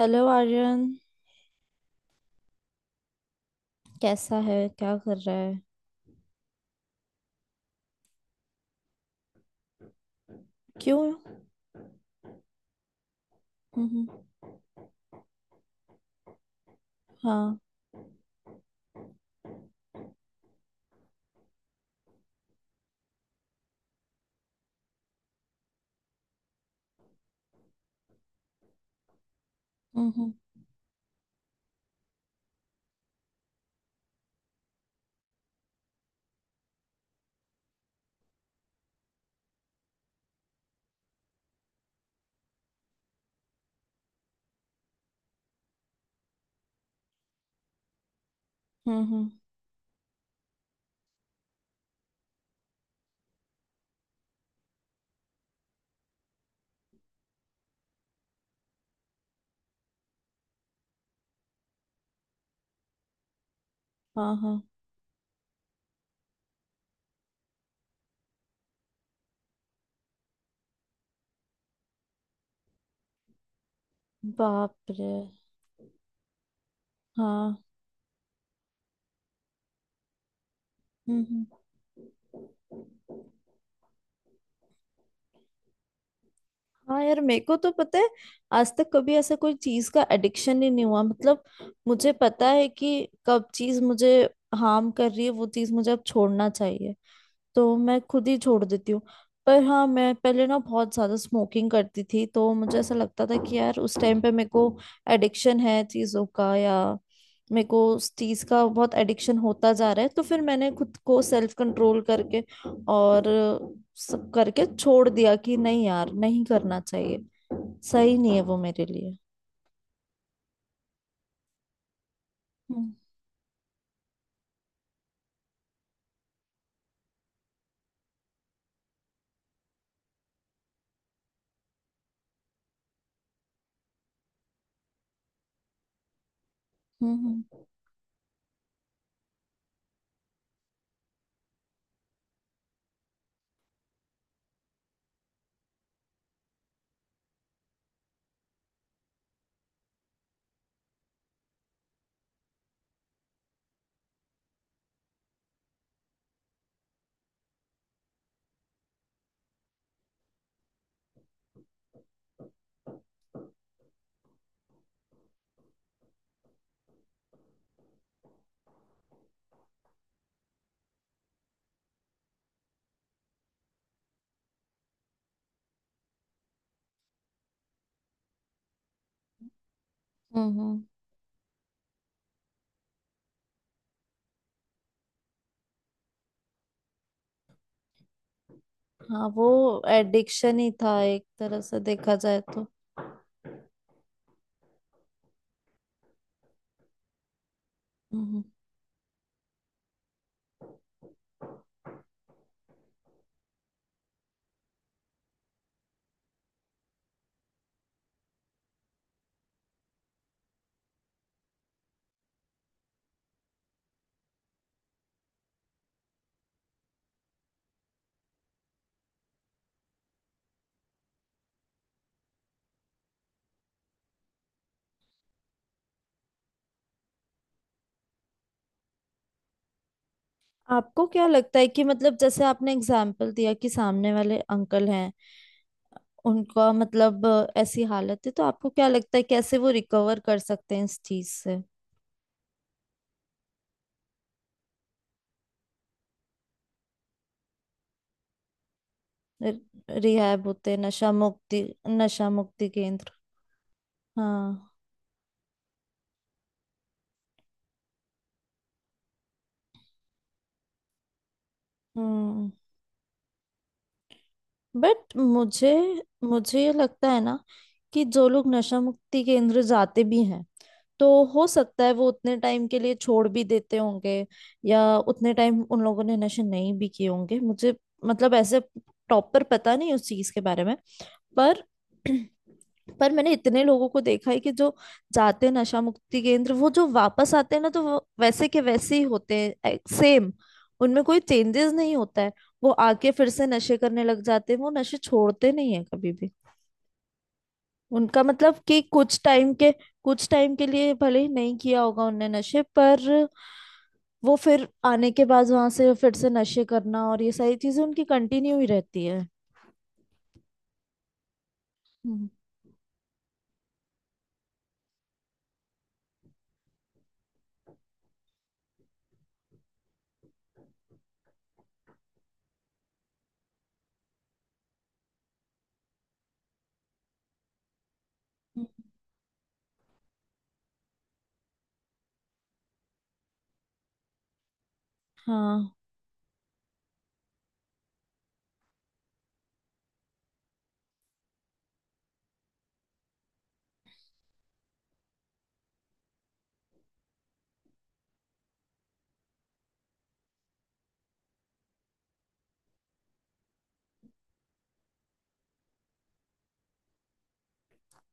Hello Aryan. कैसा है? क्या कर रहा है? क्यों? हम्म। हाँ। हम्म। हम्म। हाँ। हाँ। बाप रे। हाँ। हम्म। हाँ यार, मेरे को तो पता है। आज तक कभी ऐसा कोई चीज का एडिक्शन ही नहीं हुआ, मतलब। मुझे पता है कि कब चीज मुझे हार्म कर रही है, वो चीज मुझे अब छोड़ना चाहिए, तो मैं खुद ही छोड़ देती हूँ। पर हाँ, मैं पहले ना बहुत ज्यादा स्मोकिंग करती थी, तो मुझे ऐसा लगता था कि यार उस टाइम पे मेरे को एडिक्शन है चीजों का, या मेरे को उस चीज का बहुत एडिक्शन होता जा रहा है। तो फिर मैंने खुद को सेल्फ कंट्रोल करके और सब करके छोड़ दिया कि नहीं यार, नहीं करना चाहिए। सही नहीं है वो मेरे लिए। हम्म। हम्म। हम्म। हाँ, वो एडिक्शन ही था एक तरह से देखा जाए तो। हम्म। हम्म। आपको क्या लगता है कि मतलब जैसे आपने एग्जाम्पल दिया कि सामने वाले अंकल हैं, उनका मतलब ऐसी हालत है, तो आपको क्या लगता है कैसे वो रिकवर कर सकते हैं इस चीज से? रिहैब होते। नशा मुक्ति। नशा मुक्ति केंद्र। हाँ। हम्म। बट मुझे मुझे ये लगता है ना कि जो लोग नशा मुक्ति केंद्र जाते भी हैं, तो हो सकता है वो उतने टाइम के लिए छोड़ भी देते होंगे, या उतने टाइम उन लोगों ने नशे नहीं भी किए होंगे, मुझे मतलब ऐसे प्रॉपर पता नहीं उस चीज के बारे में। पर पर मैंने इतने लोगों को देखा है कि जो जाते हैं नशा मुक्ति केंद्र, वो जो वापस आते हैं ना, तो वो वैसे के वैसे ही होते हैं। सेम। उनमें कोई चेंजेस नहीं होता है। वो आके फिर से नशे करने लग जाते हैं, वो नशे छोड़ते नहीं है कभी भी। उनका मतलब कि कुछ टाइम के लिए भले ही नहीं किया होगा उनने नशे, पर वो फिर आने के बाद वहां से फिर से नशे करना और ये सारी चीजें उनकी कंटिन्यू ही रहती है। हम्म। हम्म। हाँ,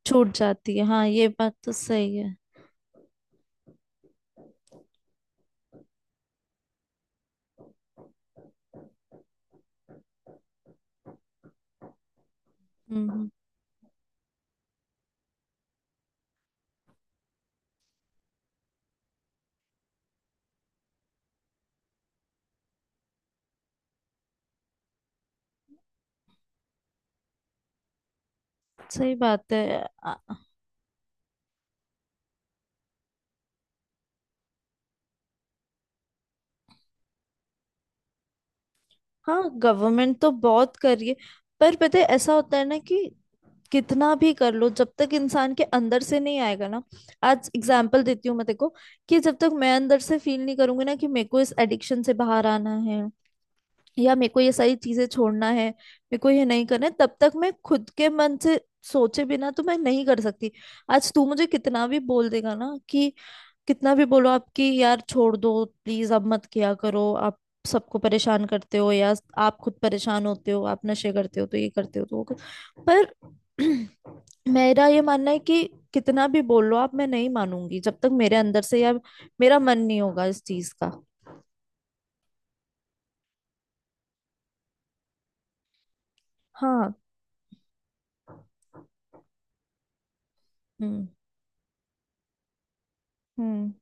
छूट जाती है। हाँ, ये बात तो सही है। हम्म। सही बात है। आ- हाँ, गवर्नमेंट तो बहुत कर रही है। पर पता है ऐसा होता है ना कि कितना भी कर लो, जब तक इंसान के अंदर से नहीं आएगा ना। आज एग्जाम्पल देती हूँ मैं, देखो। कि जब तक मैं अंदर से फील नहीं करूंगी ना कि मेरे को इस एडिक्शन से बाहर आना है, या मेरे को ये सारी चीजें छोड़ना है, मेरे को ये नहीं करना है, तब तक मैं खुद के मन से सोचे बिना तो मैं नहीं कर सकती। आज तू मुझे कितना भी बोल देगा ना कि कितना भी बोलो आपकी, यार छोड़ दो प्लीज, अब मत किया करो आप, सबको परेशान करते हो, या आप खुद परेशान होते हो, आप नशे करते हो तो ये करते हो तो वो कर। पर मेरा ये मानना है कि कितना भी बोल लो आप, मैं नहीं मानूंगी जब तक मेरे अंदर से या मेरा मन नहीं होगा इस चीज का। हाँ। हम्म। हम्म।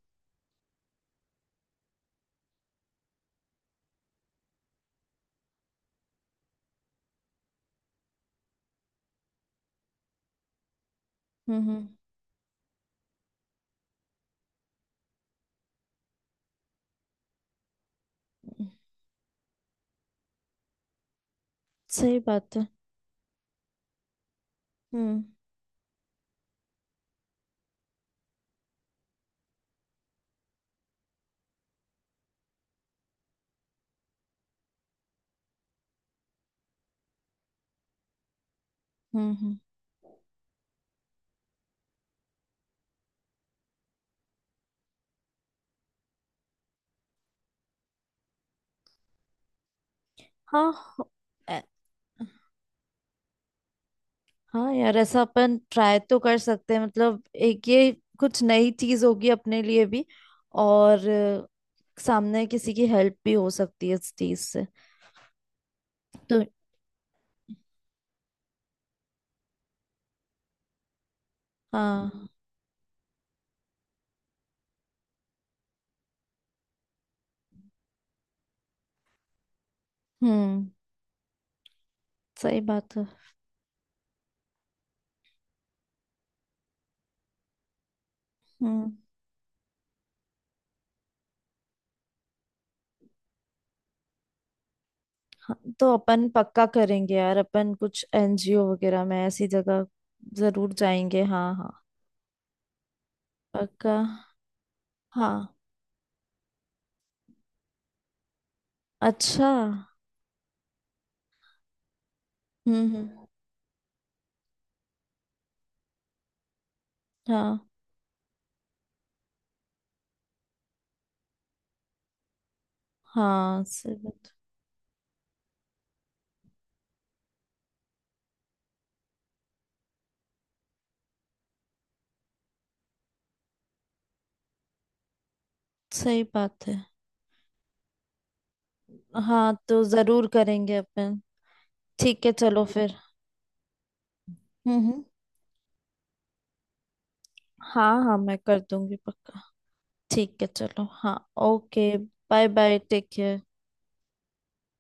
हम्म। हम्म। हम्म। सही बात है। हम्म। हम्म। हम्म। हाँ। हाँ यार, ऐसा अपन ट्राई तो कर सकते हैं, मतलब एक ये कुछ नई चीज होगी अपने लिए भी। और सामने किसी की हेल्प भी हो सकती है इस चीज से। तो। हाँ। हम्म। सही बात है। हम्म। हाँ, तो अपन पक्का करेंगे यार, अपन कुछ एनजीओ वगैरह में ऐसी जगह जरूर जाएंगे। हाँ, हाँ, पक्का। हाँ। अच्छा। हम्म। हम्म। हाँ, हाँ, सही बात है। हाँ, तो जरूर करेंगे अपन। ठीक है, चलो फिर। हम्म। हम्म। हाँ, हाँ, मैं कर दूंगी पक्का। ठीक है, चलो। हाँ। Okay. Bye, bye, take care.